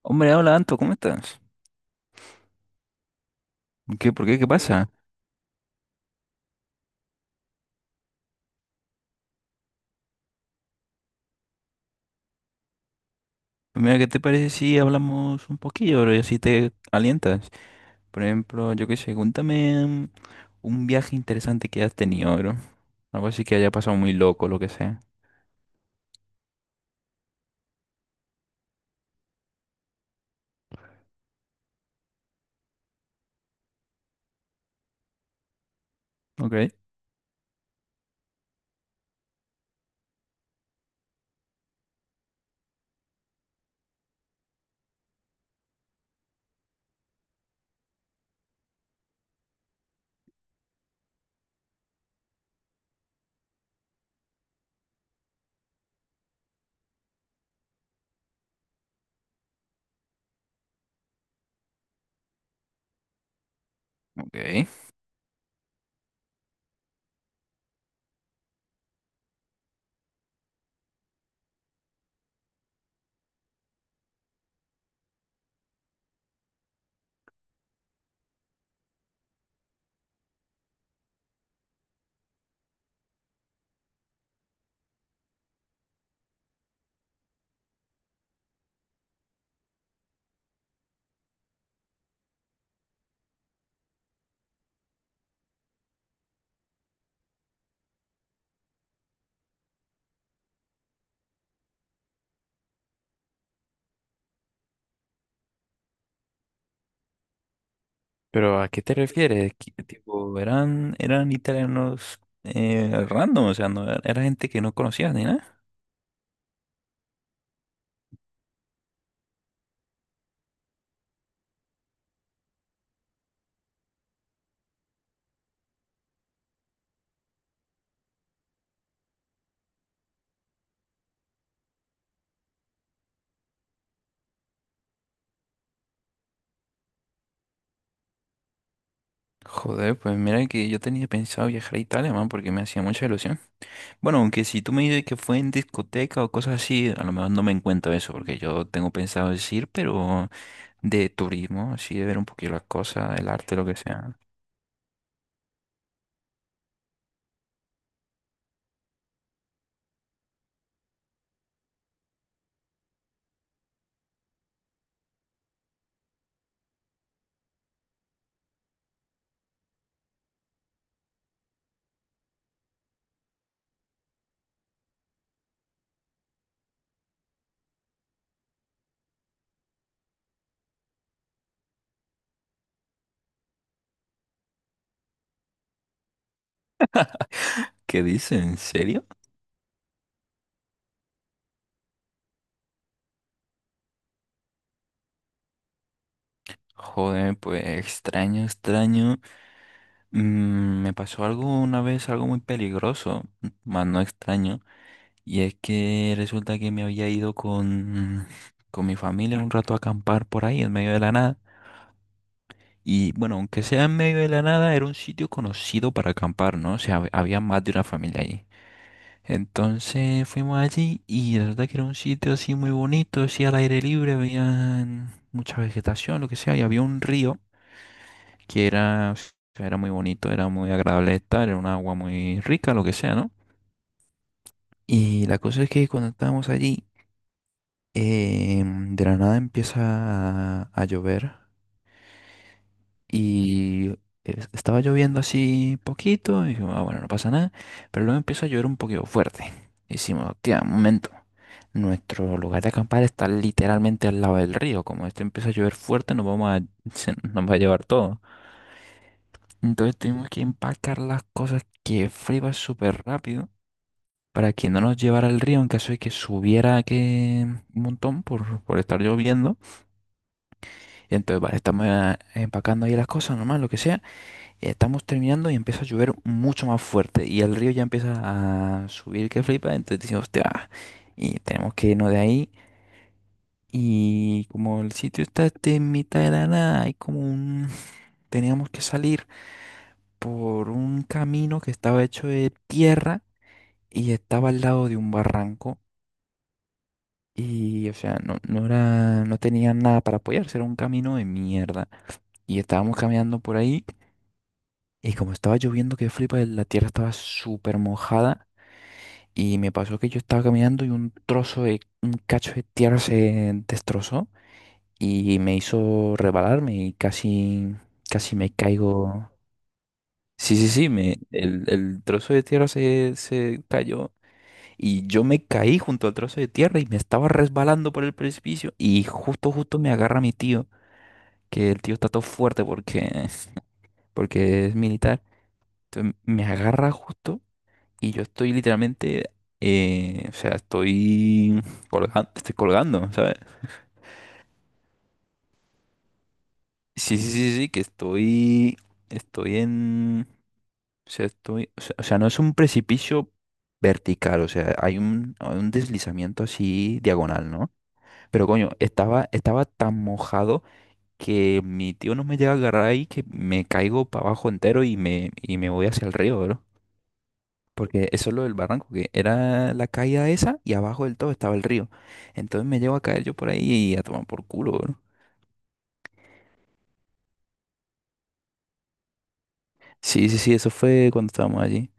Hombre, hola Anto, ¿cómo estás? ¿Qué, por qué? ¿Qué pasa? Pues, mira, ¿qué te parece si hablamos un poquillo, bro, y así te alientas? Por ejemplo, yo qué sé, cuéntame un viaje interesante que hayas tenido, bro. Algo así que haya pasado muy loco, lo que sea. Ok, ok. Pero ¿a qué te refieres? ¿Qué tipo, eran italianos random, o sea, no, era gente que no conocías ni nada. Joder, pues mira que yo tenía pensado viajar a Italia, man, porque me hacía mucha ilusión. Bueno, aunque si tú me dices que fue en discoteca o cosas así, a lo mejor no me encuentro eso, porque yo tengo pensado decir, pero de turismo, así de ver un poquito las cosas, el arte, lo que sea. ¿Qué dices? ¿En serio? Joder, pues extraño, extraño. Mm, me pasó algo una vez, algo muy peligroso, más no extraño, y es que resulta que me había ido con mi familia un rato a acampar por ahí en medio de la nada. Y bueno, aunque sea en medio de la nada, era un sitio conocido para acampar, ¿no? O sea, había más de una familia allí. Entonces fuimos allí y la verdad que era un sitio así muy bonito, así al aire libre, había mucha vegetación, lo que sea, y había un río que era, o sea, era muy bonito, era muy agradable de estar, era un agua muy rica, lo que sea, ¿no? Y la cosa es que cuando estábamos allí, de la nada empieza a llover. Y estaba lloviendo así poquito, y digo, ah, bueno, no pasa nada, pero luego empieza a llover un poquito fuerte. Y decimos, hostia, un momento, nuestro lugar de acampar está literalmente al lado del río, como esto empieza a llover fuerte, nos vamos a, se nos va a llevar todo. Entonces tuvimos que empacar las cosas que friba súper rápido para que no nos llevara el río en caso de que subiera que un montón por estar lloviendo. Y entonces, vale, estamos empacando ahí las cosas, nomás, lo que sea. Estamos terminando y empieza a llover mucho más fuerte y el río ya empieza a subir que flipa, entonces decimos, hostia, y tenemos que irnos de ahí. Y como el sitio está este en mitad de la nada, hay como un... Teníamos que salir por un camino que estaba hecho de tierra y estaba al lado de un barranco y, o sea, no, no era, no tenía nada para apoyarse, era un camino de mierda. Y estábamos caminando por ahí y como estaba lloviendo que flipa, la tierra estaba súper mojada. Y me pasó que yo estaba caminando y un cacho de tierra se destrozó y me hizo rebalarme y casi, casi me caigo. Sí, sí, sí, me, el trozo de tierra se cayó y yo me caí junto al trozo de tierra y me estaba resbalando por el precipicio y justo, justo me agarra mi tío, que el tío está todo fuerte porque, porque es militar. Entonces me agarra justo. Y yo estoy literalmente, o sea, estoy colgando, ¿sabes? Sí, sí, sí, sí, que estoy en, o sea, estoy, o sea, no es un precipicio vertical, o sea, hay un deslizamiento así diagonal, ¿no? Pero coño, estaba tan mojado que mi tío no me llega a agarrar ahí que me caigo para abajo entero y y me voy hacia el río, porque eso es lo del barranco, que era la caída esa y abajo del todo estaba el río. Entonces me llevo a caer yo por ahí y a tomar por culo, bro. Sí, sí, sí, eso fue cuando estábamos allí.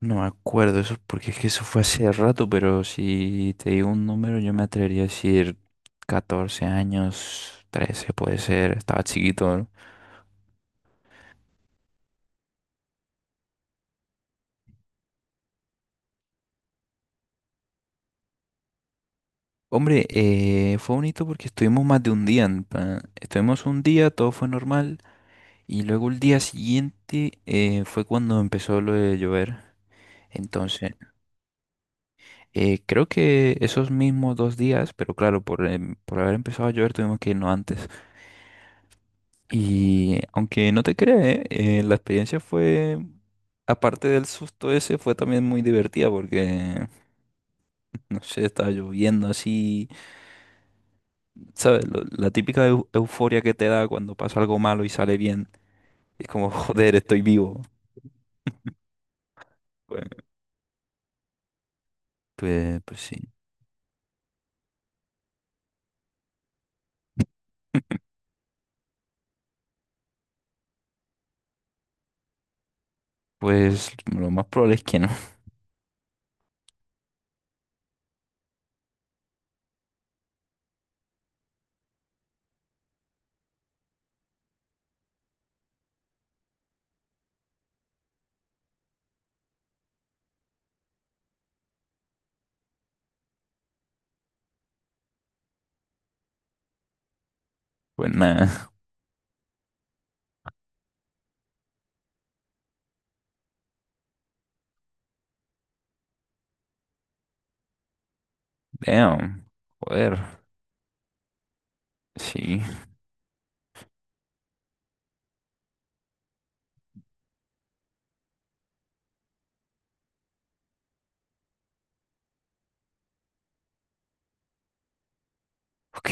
No me acuerdo eso, porque es que eso fue hace rato, pero si te digo un número, yo me atrevería a decir 14 años, 13 puede ser, estaba chiquito, ¿no? Hombre, fue bonito porque estuvimos más de un día. En plan, estuvimos un día, todo fue normal, y luego el día siguiente fue cuando empezó lo de llover. Entonces, creo que esos mismos 2 días, pero claro, por haber empezado a llover tuvimos que irnos antes. Y aunque no te creas, la experiencia fue, aparte del susto ese, fue también muy divertida porque, no sé, estaba lloviendo así, ¿sabes? La típica euforia que te da cuando pasa algo malo y sale bien. Es como, joder, estoy vivo. Pues, pues sí. Pues lo más probable es que no. Pues nada. Damn. Joder. Sí. Ok.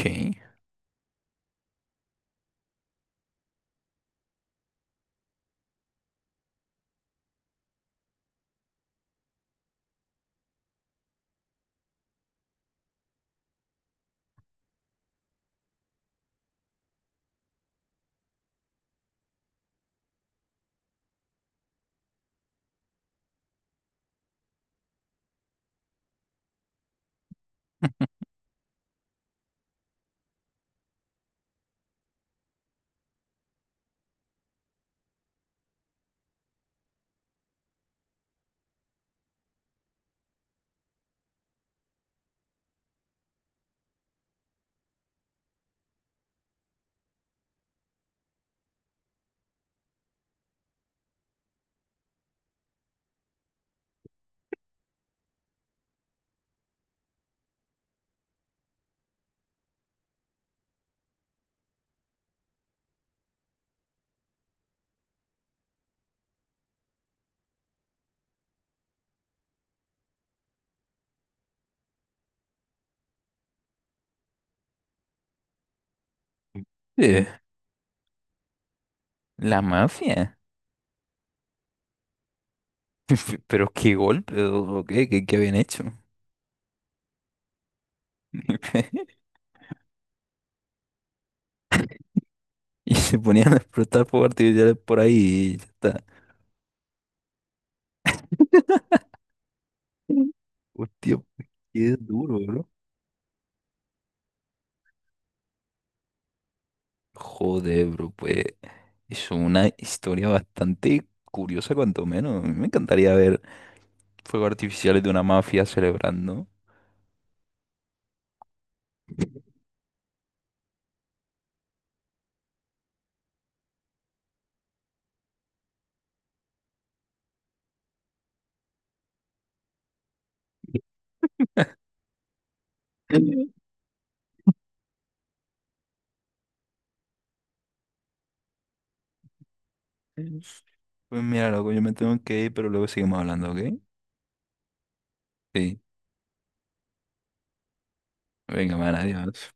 Eh, la mafia. Pero qué golpe, o qué, habían hecho. Y se ponían a explotar fuegos artificiales por ahí y ya está. Mm. Hostia, pues, qué duro, bro. Joder, bro, pues es una historia bastante curiosa, cuanto menos. A mí me encantaría ver fuegos artificiales de una mafia celebrando. Mm. Pues mira, loco, yo me tengo que ir, pero luego seguimos hablando, ¿ok? Sí. Venga, man, adiós.